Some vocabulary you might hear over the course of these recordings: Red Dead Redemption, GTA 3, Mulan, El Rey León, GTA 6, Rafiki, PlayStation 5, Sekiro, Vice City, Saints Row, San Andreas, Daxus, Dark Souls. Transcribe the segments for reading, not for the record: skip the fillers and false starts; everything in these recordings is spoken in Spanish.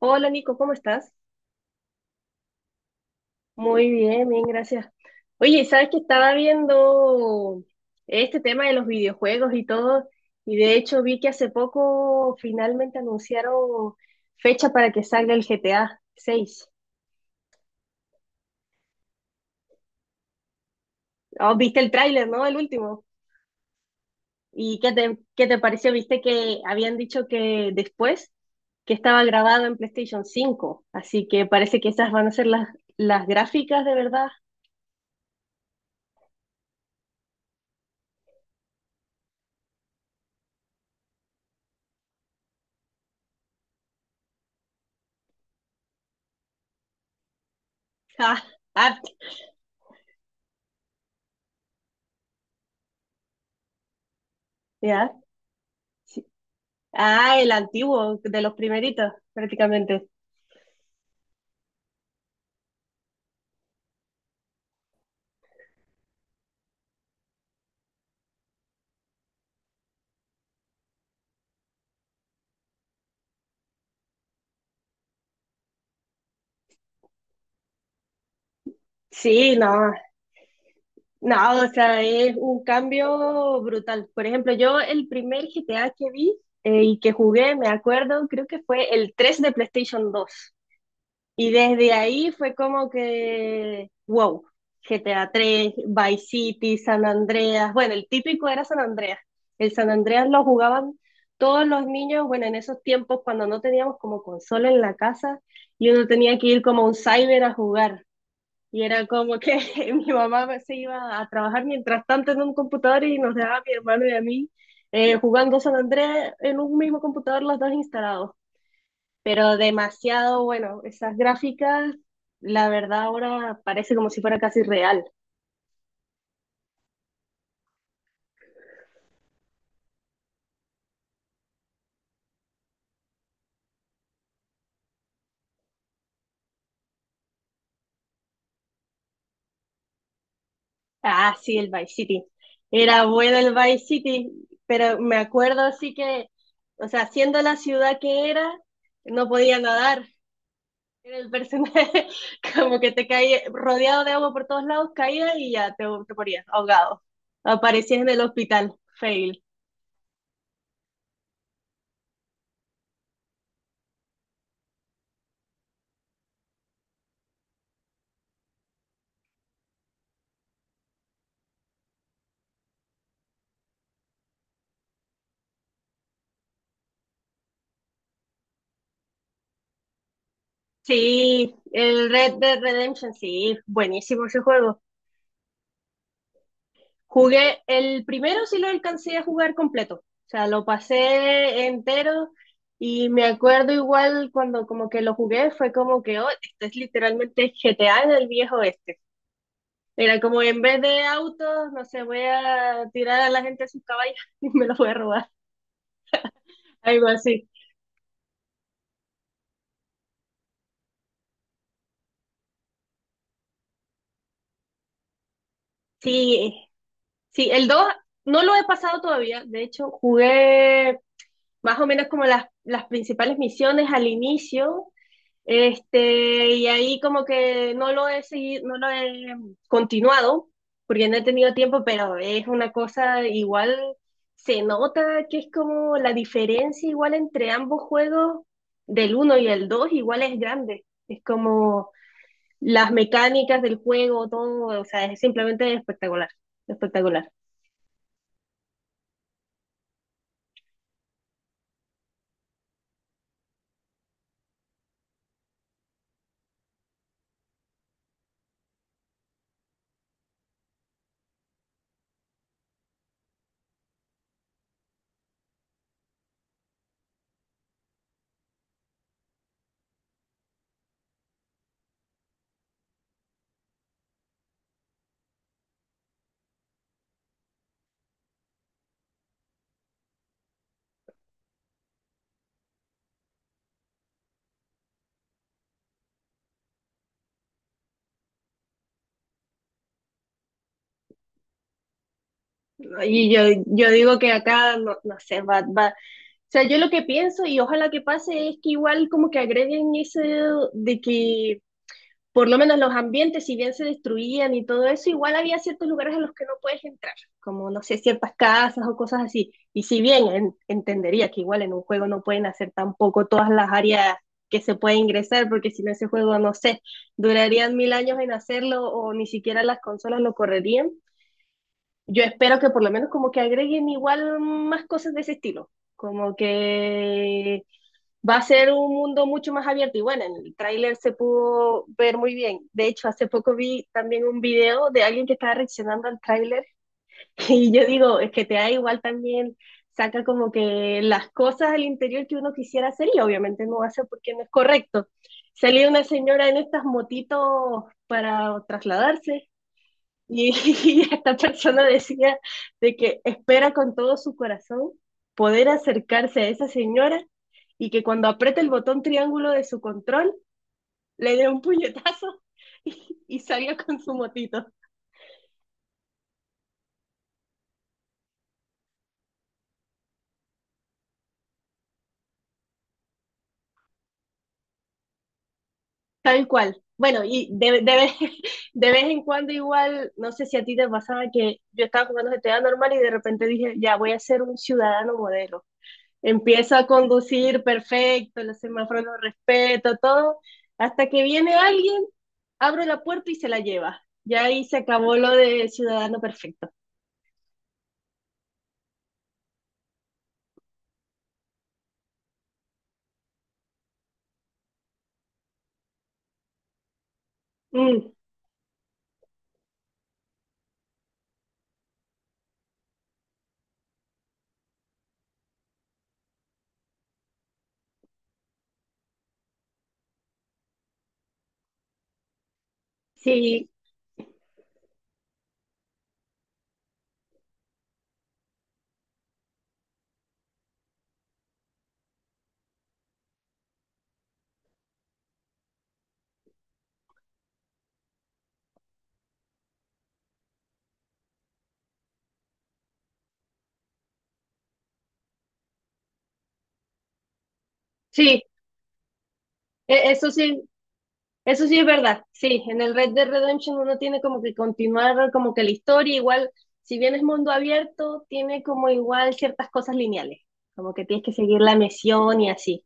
Hola Nico, ¿cómo estás? Muy bien, bien, gracias. Oye, sabes que estaba viendo este tema de los videojuegos y todo, y de hecho vi que hace poco finalmente anunciaron fecha para que salga el GTA 6. Oh, viste el tráiler, ¿no? El último. ¿Y qué te pareció? Viste que habían dicho que después que estaba grabado en PlayStation 5, así que parece que esas van a ser las gráficas de verdad. Ah, arte, ¿ya? Sí. Ah, el antiguo, de los primeritos, prácticamente. Sí, no, no, o sea, es un cambio brutal. Por ejemplo, yo el primer GTA que vi y que jugué, me acuerdo, creo que fue el 3 de PlayStation 2. Y desde ahí fue como que, wow, GTA 3, Vice City, San Andreas. Bueno, el típico era San Andreas. El San Andreas lo jugaban todos los niños, bueno, en esos tiempos cuando no teníamos como consola en la casa y uno tenía que ir como a un cyber a jugar. Y era como que mi mamá se iba a trabajar mientras tanto en un computador y nos dejaba a mi hermano y a mí jugando San Andreas en un mismo computador los dos instalados. Pero demasiado bueno, esas gráficas, la verdad ahora parece como si fuera casi real. Ah, sí, el Vice City. Era bueno el Vice City, pero me acuerdo así que, o sea, siendo la ciudad que era, no podía nadar. Era el personaje como que te caía rodeado de agua por todos lados, caías y ya te morías ahogado. Aparecías en el hospital, fail. Sí, el Red Dead Redemption, sí, buenísimo ese juego. Jugué, el primero sí lo alcancé a jugar completo, o sea, lo pasé entero y me acuerdo igual cuando como que lo jugué, fue como que, oh, esto es literalmente GTA en el viejo oeste. Era como en vez de autos, no sé, voy a tirar a la gente a sus caballos y me los voy a robar, algo así. Sí, sí, el 2 no lo he pasado todavía, de hecho jugué más o menos como las principales misiones al inicio. Este, y ahí como que no lo he seguido, no lo he continuado, porque no he tenido tiempo, pero es una cosa igual, se nota que es como la diferencia igual entre ambos juegos, del 1 y el 2 igual es grande. Es como las mecánicas del juego, todo, o sea, es simplemente espectacular, espectacular. Y yo digo que acá, no, no sé, sea, yo lo que pienso y ojalá que pase es que igual como que agreguen ese de que por lo menos los ambientes, si bien se destruían y todo eso, igual había ciertos lugares a los que no puedes entrar, como no sé, ciertas casas o cosas así. Y si bien entendería que igual en un juego no pueden hacer tampoco todas las áreas que se puede ingresar, porque si no ese juego, no sé, durarían mil años en hacerlo o ni siquiera las consolas lo correrían. Yo espero que por lo menos como que agreguen igual más cosas de ese estilo, como que va a ser un mundo mucho más abierto y bueno, en el tráiler se pudo ver muy bien. De hecho, hace poco vi también un video de alguien que estaba reaccionando al tráiler y yo digo, es que te da igual también saca como que las cosas al interior que uno quisiera hacer y obviamente no va a ser porque no es correcto. Salía una señora en estas motitos para trasladarse y y esta persona decía de que espera con todo su corazón poder acercarse a esa señora y que cuando apriete el botón triángulo de su control le dé un puñetazo y salga con su motito. Tal cual. Bueno, y de vez en cuando igual, no sé si a ti te pasaba que yo estaba jugando GTA normal y de repente dije, ya voy a ser un ciudadano modelo. Empiezo a conducir perfecto, los semáforos los respeto, todo, hasta que viene alguien abro la puerta y se la lleva. Ya ahí se acabó lo de ciudadano perfecto. Mm, sí, sí, eso sí, eso sí es verdad. Sí, en el Red Dead Redemption uno tiene como que continuar como que la historia, igual, si bien es mundo abierto, tiene como igual ciertas cosas lineales, como que tienes que seguir la misión y así.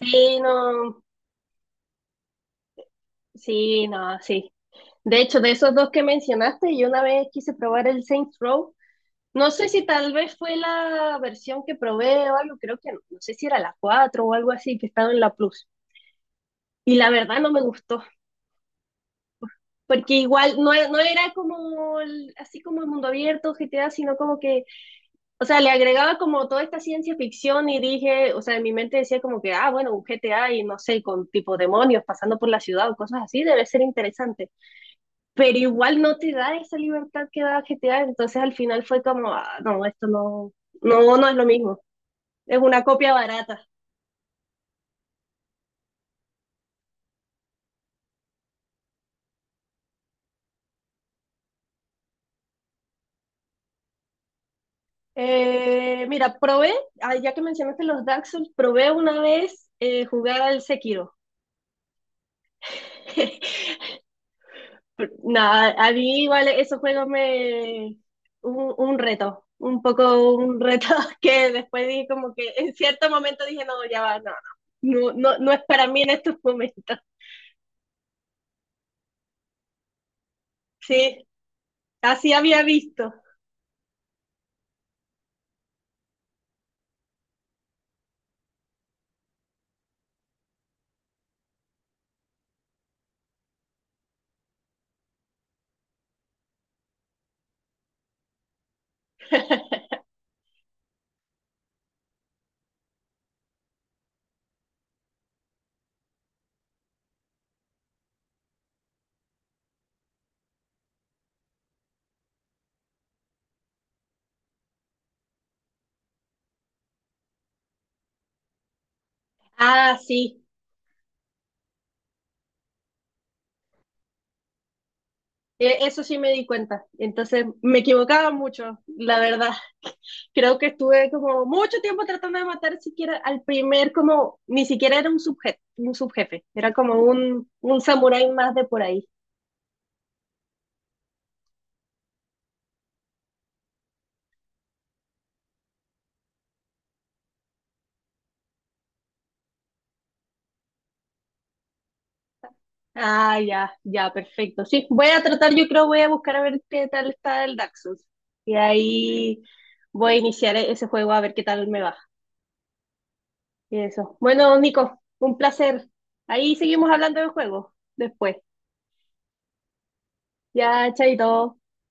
Sí, no, sí, no, sí. De hecho, de esos dos que mencionaste, yo una vez quise probar el Saints Row. No sé si tal vez fue la versión que probé o algo, creo que no, no sé si era la 4 o algo así que estaba en la Plus. Y la verdad no me gustó, porque igual no, no era como así como el mundo abierto, GTA, sino como que, o sea, le agregaba como toda esta ciencia ficción y dije, o sea, en mi mente decía como que, ah, bueno, un GTA y no sé, con tipo demonios pasando por la ciudad o cosas así, debe ser interesante. Pero igual no te da esa libertad que da GTA, entonces al final fue como, ah, no, esto no, no, no es lo mismo. Es una copia barata. Mira, probé, ah, ya que mencionaste los Dark Souls, probé una vez jugar al Sekiro. Nada, a mí igual esos juegos me... Un reto, un poco un reto que después dije como que en cierto momento dije, no, ya va, no, no, no, no, no es para mí en estos momentos. Sí, así había visto. Ah, sí, eso sí me di cuenta. Entonces me equivocaba mucho, la verdad. Creo que estuve como mucho tiempo tratando de matar siquiera al primer, como ni siquiera era un subjefe, era como un samurái más de por ahí. Ah, ya, ya, perfecto. Sí, voy a tratar, yo creo, voy a buscar a ver qué tal está el Daxus. Y ahí voy a iniciar ese juego a ver qué tal me va. Y eso. Bueno, Nico, un placer. Ahí seguimos hablando del juego después. Ya, chaito.